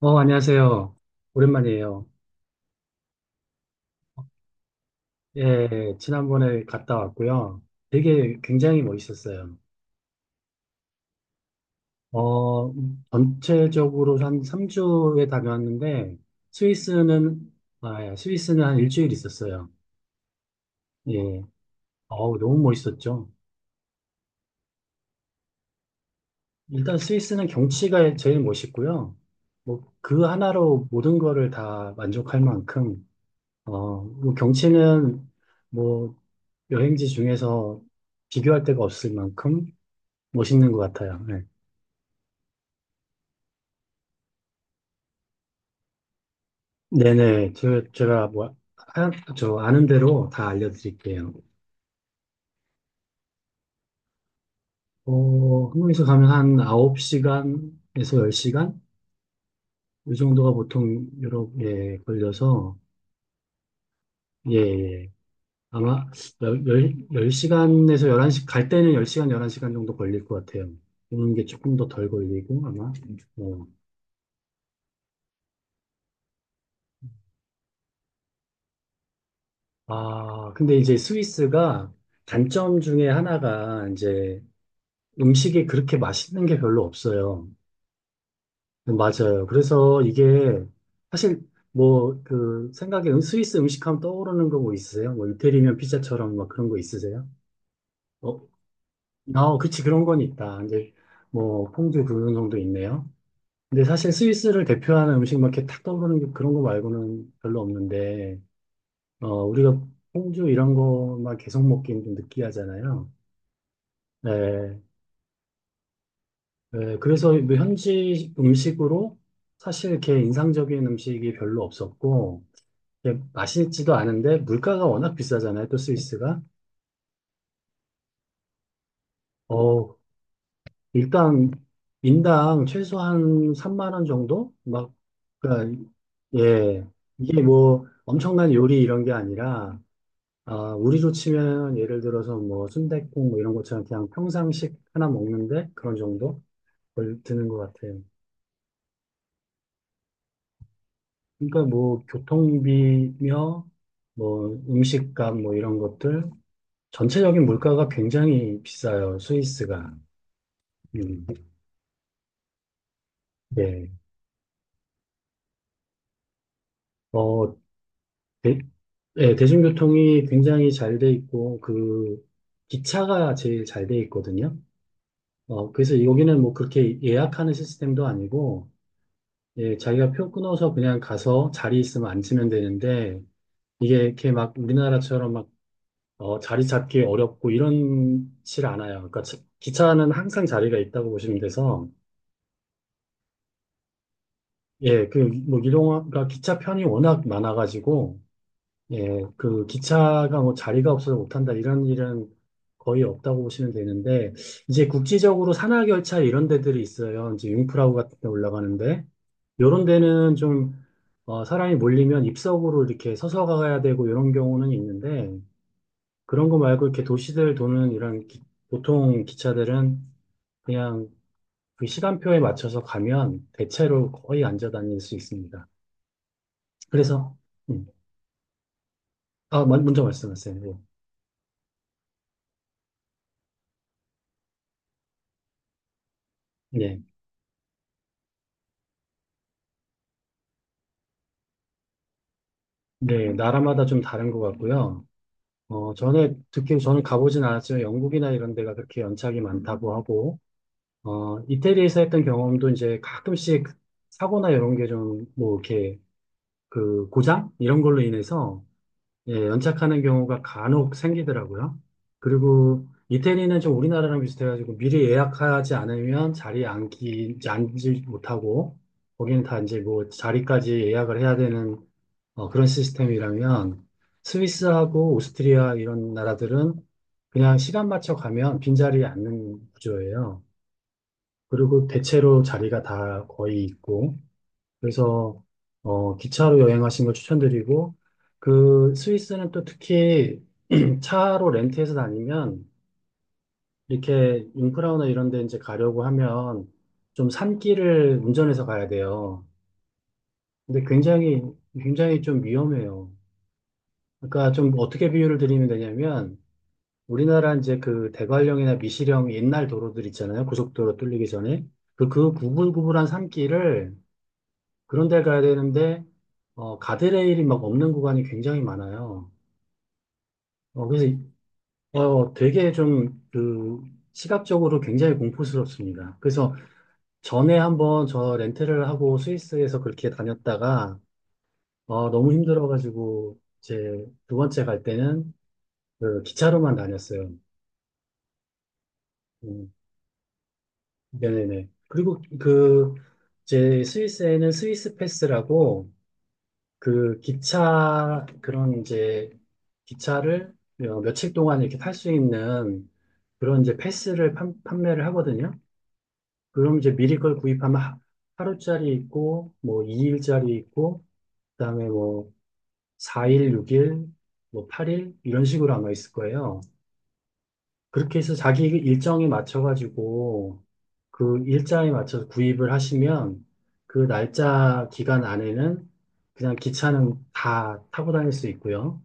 안녕하세요. 오랜만이에요. 예, 지난번에 갔다 왔고요. 되게 굉장히 멋있었어요. 어, 전체적으로 한 3주에 다녀왔는데, 스위스는, 아, 예, 스위스는 한 1주일 있었어요. 예, 어우, 너무 멋있었죠. 일단 스위스는 경치가 제일 멋있고요. 뭐, 그 하나로 모든 거를 다 만족할 만큼, 경치는 뭐, 여행지 중에서 비교할 데가 없을 만큼 멋있는 것 같아요. 네. 네네. 제가 뭐, 아, 저 아는 대로 다 알려드릴게요. 한국에서 가면 한 9시간에서 10시간? 이 정도가 보통 유럽에 걸려서, 예, 예. 아마 10, 시간에서 11시, 갈 때는 10시간, 11시간 정도 걸릴 것 같아요. 오는 게 조금 더 덜 걸리고, 아마. 어. 아, 근데 이제 스위스가 단점 중에 하나가 이제 음식이 그렇게 맛있는 게 별로 없어요. 맞아요. 그래서 이게 사실 뭐 그 생각에 스위스 음식하면 떠오르는 거 뭐 있으세요? 뭐 이태리면 피자처럼 막 그런 거 있으세요? 어, 아, 그치 그런 건 있다. 이제 뭐 퐁듀 그런 정도 있네요. 근데 사실 스위스를 대표하는 음식 막 이렇게 탁 떠오르는 게 그런 거 말고는 별로 없는데 우리가 퐁듀 이런 거만 계속 먹기는 좀 느끼하잖아요. 네, 네, 그래서 뭐 현지 음식으로 사실 이렇게 인상적인 음식이 별로 없었고. 이게 맛있지도 않은데 물가가 워낙 비싸잖아요. 또 스위스가. 어, 일단 인당 최소한 3만 원 정도? 막 그러니까 예. 이게 뭐 엄청난 요리 이런 게 아니라 아, 우리로 치면 예를 들어서 뭐 순댓국 뭐 이런 것처럼 그냥 평상식 하나 먹는데 그런 정도 걸 드는 것 같아요. 그러니까 뭐 교통비며 뭐 음식값 뭐 이런 것들 전체적인 물가가 굉장히 비싸요. 스위스가. 음. 네. 어, 대, 네, 대중교통이 굉장히 잘 돼 있고, 그, 기차가 제일 잘 돼 있거든요. 어, 그래서 여기는 뭐 그렇게 예약하는 시스템도 아니고, 예, 자기가 표 끊어서 그냥 가서 자리 있으면 앉으면 되는데, 이게 이렇게 막 우리나라처럼 막, 어, 자리 잡기 어렵고 이런질 않아요. 그러니까 기차는 항상 자리가 있다고 보시면 돼서, 예, 그, 뭐, 이동가 기차 편이 워낙 많아가지고, 예, 그 기차가 뭐 자리가 없어서 못한다 이런 일은 거의 없다고 보시면 되는데 이제 국지적으로 산악열차 이런 데들이 있어요. 이제 융프라우 같은 데 올라가는데 요런 데는 좀 어, 사람이 몰리면 입석으로 이렇게 서서 가야 되고 이런 경우는 있는데 그런 거 말고 이렇게 도시들 도는 이런 보통 기차들은 그냥 그 시간표에 맞춰서 가면 대체로 거의 앉아 다닐 수 있습니다. 그래서 음. 먼저 말씀하세요. 예. 네, 나라마다 좀 다른 것 같고요. 어, 전에 듣긴 저는 가보진 않았지만 영국이나 이런 데가 그렇게 연착이 많다고 하고, 어, 이태리에서 했던 경험도 이제 가끔씩 사고나 이런 게 좀 뭐 이렇게 그 고장? 이런 걸로 인해서 예, 연착하는 경우가 간혹 생기더라고요. 그리고 이태리는 좀 우리나라랑 비슷해가지고 미리 예약하지 않으면 자리에 앉지 못하고 거기는 다 이제 뭐 자리까지 예약을 해야 되는 어, 그런 시스템이라면 스위스하고 오스트리아 이런 나라들은 그냥 시간 맞춰 가면 빈자리에 앉는 구조예요. 그리고 대체로 자리가 다 거의 있고 그래서 어, 기차로 여행하신 걸 추천드리고 그 스위스는 또 특히 차로 렌트해서 다니면 이렇게 융프라우나 이런 데 이제 가려고 하면 좀 산길을 운전해서 가야 돼요. 근데 굉장히 굉장히 좀 위험해요. 그러니까 좀 어떻게 비유를 드리면 되냐면 우리나라 이제 그 대관령이나 미시령 옛날 도로들 있잖아요. 고속도로 뚫리기 전에 그 구불구불한 산길을 그런 데 가야 되는데, 어, 가드레일이 막 없는 구간이 굉장히 많아요. 그래서, 어, 되게 좀, 그, 시각적으로 굉장히 공포스럽습니다. 그래서 전에 한번 저 렌트를 하고 스위스에서 그렇게 다녔다가, 어, 너무 힘들어가지고, 제 2번째 갈 때는 그 기차로만 다녔어요. 음, 네네네. 그리고 그, 제 스위스에는 스위스 패스라고, 그 기차 그런 이제 기차를 어, 며칠 동안 이렇게 탈 수 있는 그런 이제 패스를 판매를 하거든요. 그럼 이제 미리 걸 구입하면 하, 하루짜리 있고 뭐 2일짜리 있고 그다음에 뭐 4일, 6일, 뭐 8일 이런 식으로 아마 있을 거예요. 그렇게 해서 자기 일정에 맞춰가지고 그 일자에 맞춰서 구입을 하시면 그 날짜 기간 안에는 그냥 기차는 다 타고 다닐 수 있고요.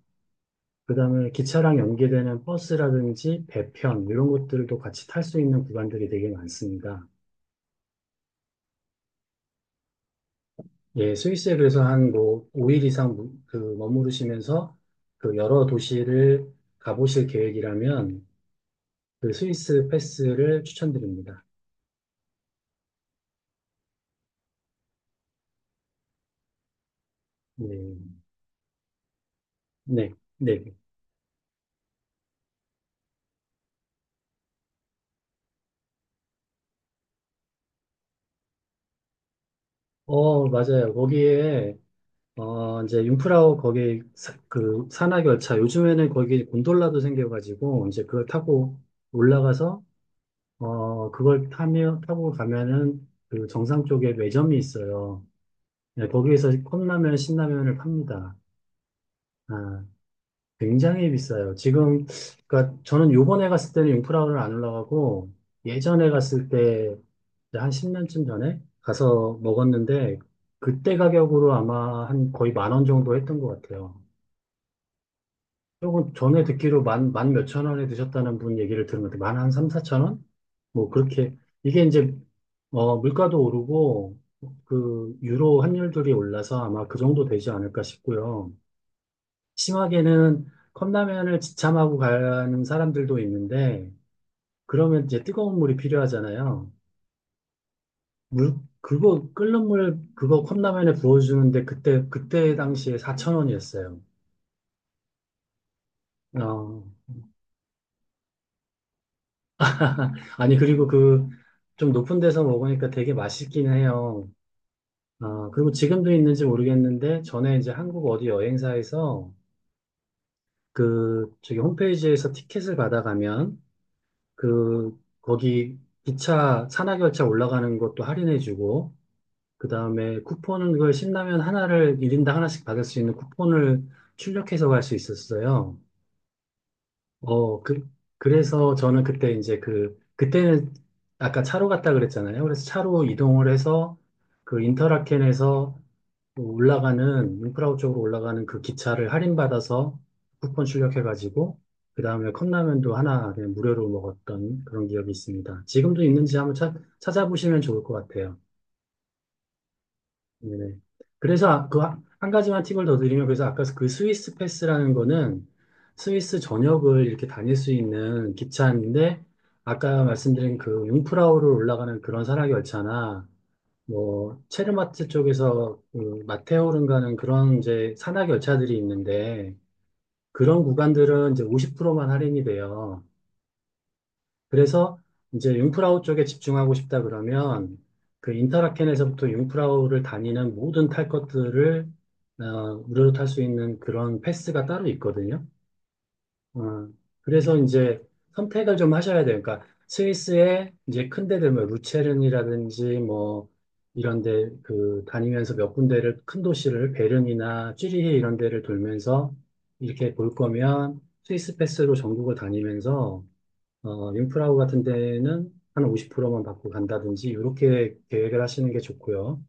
그다음에 기차랑 연계되는 버스라든지 배편 이런 것들도 같이 탈 수 있는 구간들이 되게 많습니다. 예, 스위스에 그래서 한뭐 5일 이상 그 머무르시면서 그 여러 도시를 가보실 계획이라면 그 스위스 패스를 추천드립니다. 네, 네, 네. 어, 맞아요. 거기에 이제 융프라우 거기 그 산악열차 요즘에는 거기 곤돌라도 생겨가지고 이제 그걸 타고 올라가서 어, 그걸 타고 가면은 그 정상 쪽에 매점이 있어요. 네, 거기에서 컵라면, 신라면을 팝니다. 아, 굉장히 비싸요. 지금, 그니까 저는 요번에 갔을 때는 융프라우를 안 올라가고 예전에 갔을 때 한 10년쯤 전에 가서 먹었는데 그때 가격으로 아마 한 거의 10000원 정도 했던 것 같아요. 조금 전에 듣기로 만 몇천 원에 드셨다는 분 얘기를 들은 것 같아요. 만한 3000~4000원? 뭐 그렇게. 이게 이제, 어, 물가도 오르고, 그, 유로 환율들이 올라서 아마 그 정도 되지 않을까 싶고요. 심하게는 컵라면을 지참하고 가는 사람들도 있는데, 그러면 이제 뜨거운 물이 필요하잖아요. 물, 그거, 끓는 물, 그거 컵라면에 부어주는데 그때 당시에 사천 원이었어요. 어. 아니, 그리고 그, 좀 높은 데서 먹으니까 되게 맛있긴 해요. 아, 그리고 지금도 있는지 모르겠는데, 전에 이제 한국 어디 여행사에서 그, 저기 홈페이지에서 티켓을 받아가면, 그, 거기 기차, 산악열차 올라가는 것도 할인해주고, 그 다음에 쿠폰은 그 신라면 하나를 1인당 하나씩 받을 수 있는 쿠폰을 출력해서 갈 수 있었어요. 어, 그, 그래서 저는 그때 이제 그, 그때는 아까 차로 갔다 그랬잖아요. 그래서 차로 이동을 해서 그 인터라켄에서 올라가는, 융프라우 쪽으로 올라가는 그 기차를 할인받아서 쿠폰 출력해가지고, 그 다음에 컵라면도 하나 그냥 무료로 먹었던 그런 기억이 있습니다. 지금도 있는지 한번 찾아보시면 좋을 것 같아요. 네네. 그래서 한 가지만 팁을 더 드리면 그래서 아까 그 스위스 패스라는 거는 스위스 전역을 이렇게 다닐 수 있는 기차인데 아까 말씀드린 그 융프라우를 올라가는 그런 산악 열차나 뭐 체르마트 쪽에서 그 마테오른 가는 그런 이제 산악 열차들이 있는데 그런 구간들은 이제 50%만 할인이 돼요. 그래서 이제 융프라우 쪽에 집중하고 싶다 그러면 그 인터라켄에서부터 융프라우를 다니는 모든 탈 것들을 어, 무료로 탈 수 있는 그런 패스가 따로 있거든요. 어, 그래서 이제 선택을 좀 하셔야 돼요. 그러니까 스위스의 이제 큰 데들 뭐 루체른이라든지 뭐 이런 데 그 다니면서 몇 군데를 큰 도시를 베른이나 취리히 이런 데를 돌면서 이렇게 볼 거면 스위스 패스로 전국을 다니면서 어, 융프라우 같은 데는 한 50%만 받고 간다든지 이렇게 계획을 하시는 게 좋고요.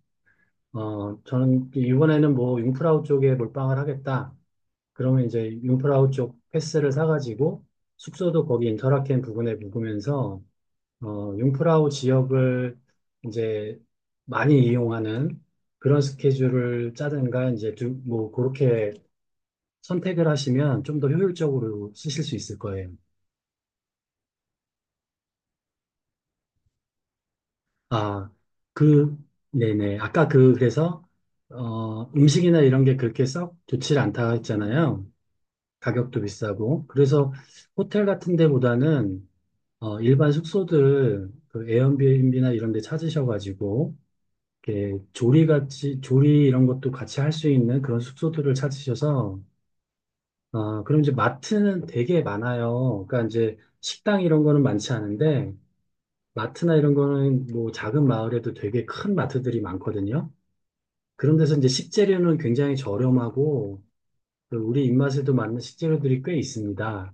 어, 저는 이번에는 뭐 융프라우 쪽에 몰빵을 하겠다. 그러면 이제 융프라우 쪽 패스를 사가지고 숙소도 거기 인터라켄 부근에 묵으면서 어, 융프라우 지역을 이제 많이 이용하는 그런 스케줄을 짜든가 이제 두, 뭐 그렇게 선택을 하시면 좀 더 효율적으로 쓰실 수 있을 거예요. 아, 그, 네네. 아까 그, 그래서, 어, 음식이나 이런 게 그렇게 썩 좋지 않다 했잖아요. 가격도 비싸고. 그래서 호텔 같은 데보다는, 어, 일반 숙소들, 그 에어비앤비나 이런 데 찾으셔가지고, 이렇게 조리 이런 것도 같이 할 수 있는 그런 숙소들을 찾으셔서, 어, 그럼 이제 마트는 되게 많아요. 그러니까 이제 식당 이런 거는 많지 않은데, 마트나 이런 거는 뭐 작은 마을에도 되게 큰 마트들이 많거든요. 그런 데서 이제 식재료는 굉장히 저렴하고 그 우리 입맛에도 맞는 식재료들이 꽤 있습니다.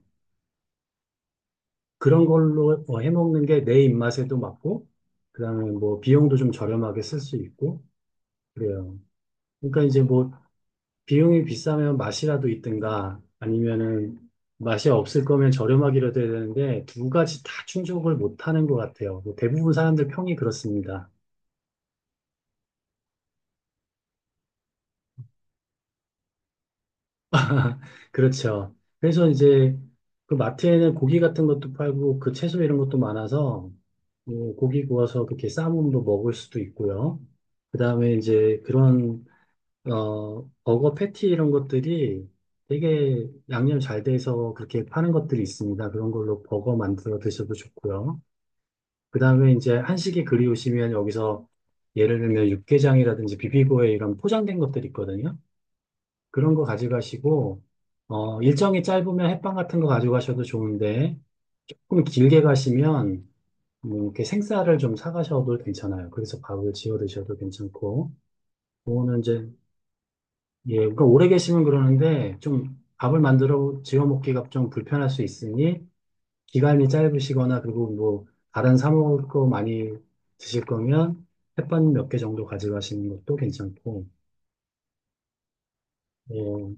그런 걸로 어, 해먹는 게 내 입맛에도 맞고, 그다음에 뭐 비용도 좀 저렴하게 쓸 수 있고, 그래요. 그러니까 이제 뭐 비용이 비싸면 맛이라도 있든가 아니면은 맛이 없을 거면 저렴하기라도 해야 되는데 두 가지 다 충족을 못 하는 것 같아요. 뭐 대부분 사람들 평이 그렇습니다. 그렇죠. 그래서 이제 그 마트에는 고기 같은 것도 팔고 그 채소 이런 것도 많아서 뭐 고기 구워서 그렇게 삶으로 먹을 수도 있고요. 그다음에 이제 그런 버거 패티 이런 것들이 되게 양념 잘 돼서 그렇게 파는 것들이 있습니다. 그런 걸로 버거 만들어 드셔도 좋고요. 그다음에 이제 한식이 그리우시면 여기서 예를 들면 육개장이라든지 비비고에 이런 포장된 것들이 있거든요. 그런 거 가져가시고, 어, 일정이 짧으면 햇반 같은 거 가져가셔도 좋은데, 조금 길게 가시면, 뭐, 이렇게 생쌀을 좀 사가셔도 괜찮아요. 그래서 밥을 지어 드셔도 괜찮고, 그거는 이제, 예, 그러니까 오래 계시면 그러는데, 좀 밥을 만들어 지어 먹기가 좀 불편할 수 있으니, 기간이 짧으시거나, 그리고 뭐, 다른 사 먹을 거 많이 드실 거면, 햇반 몇 개 정도 가져가시는 것도 괜찮고, 예,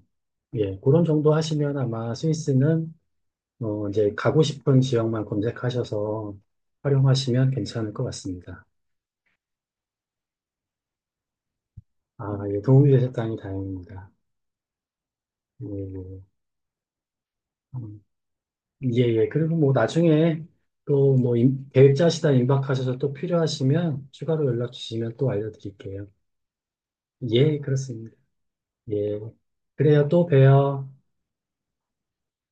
예, 그런 정도 하시면 아마 스위스는 어, 이제 가고 싶은 지역만 검색하셔서 활용하시면 괜찮을 것 같습니다. 아, 예, 도움이 되셨다니 다행입니다. 예, 예, 음, 예, 예. 그리고 뭐 나중에 또 뭐 계획 짜시다 임박하셔서 또 필요하시면 추가로 연락 주시면 또 알려드릴게요. 예, 그렇습니다. 예. 그래요, 또 봬요.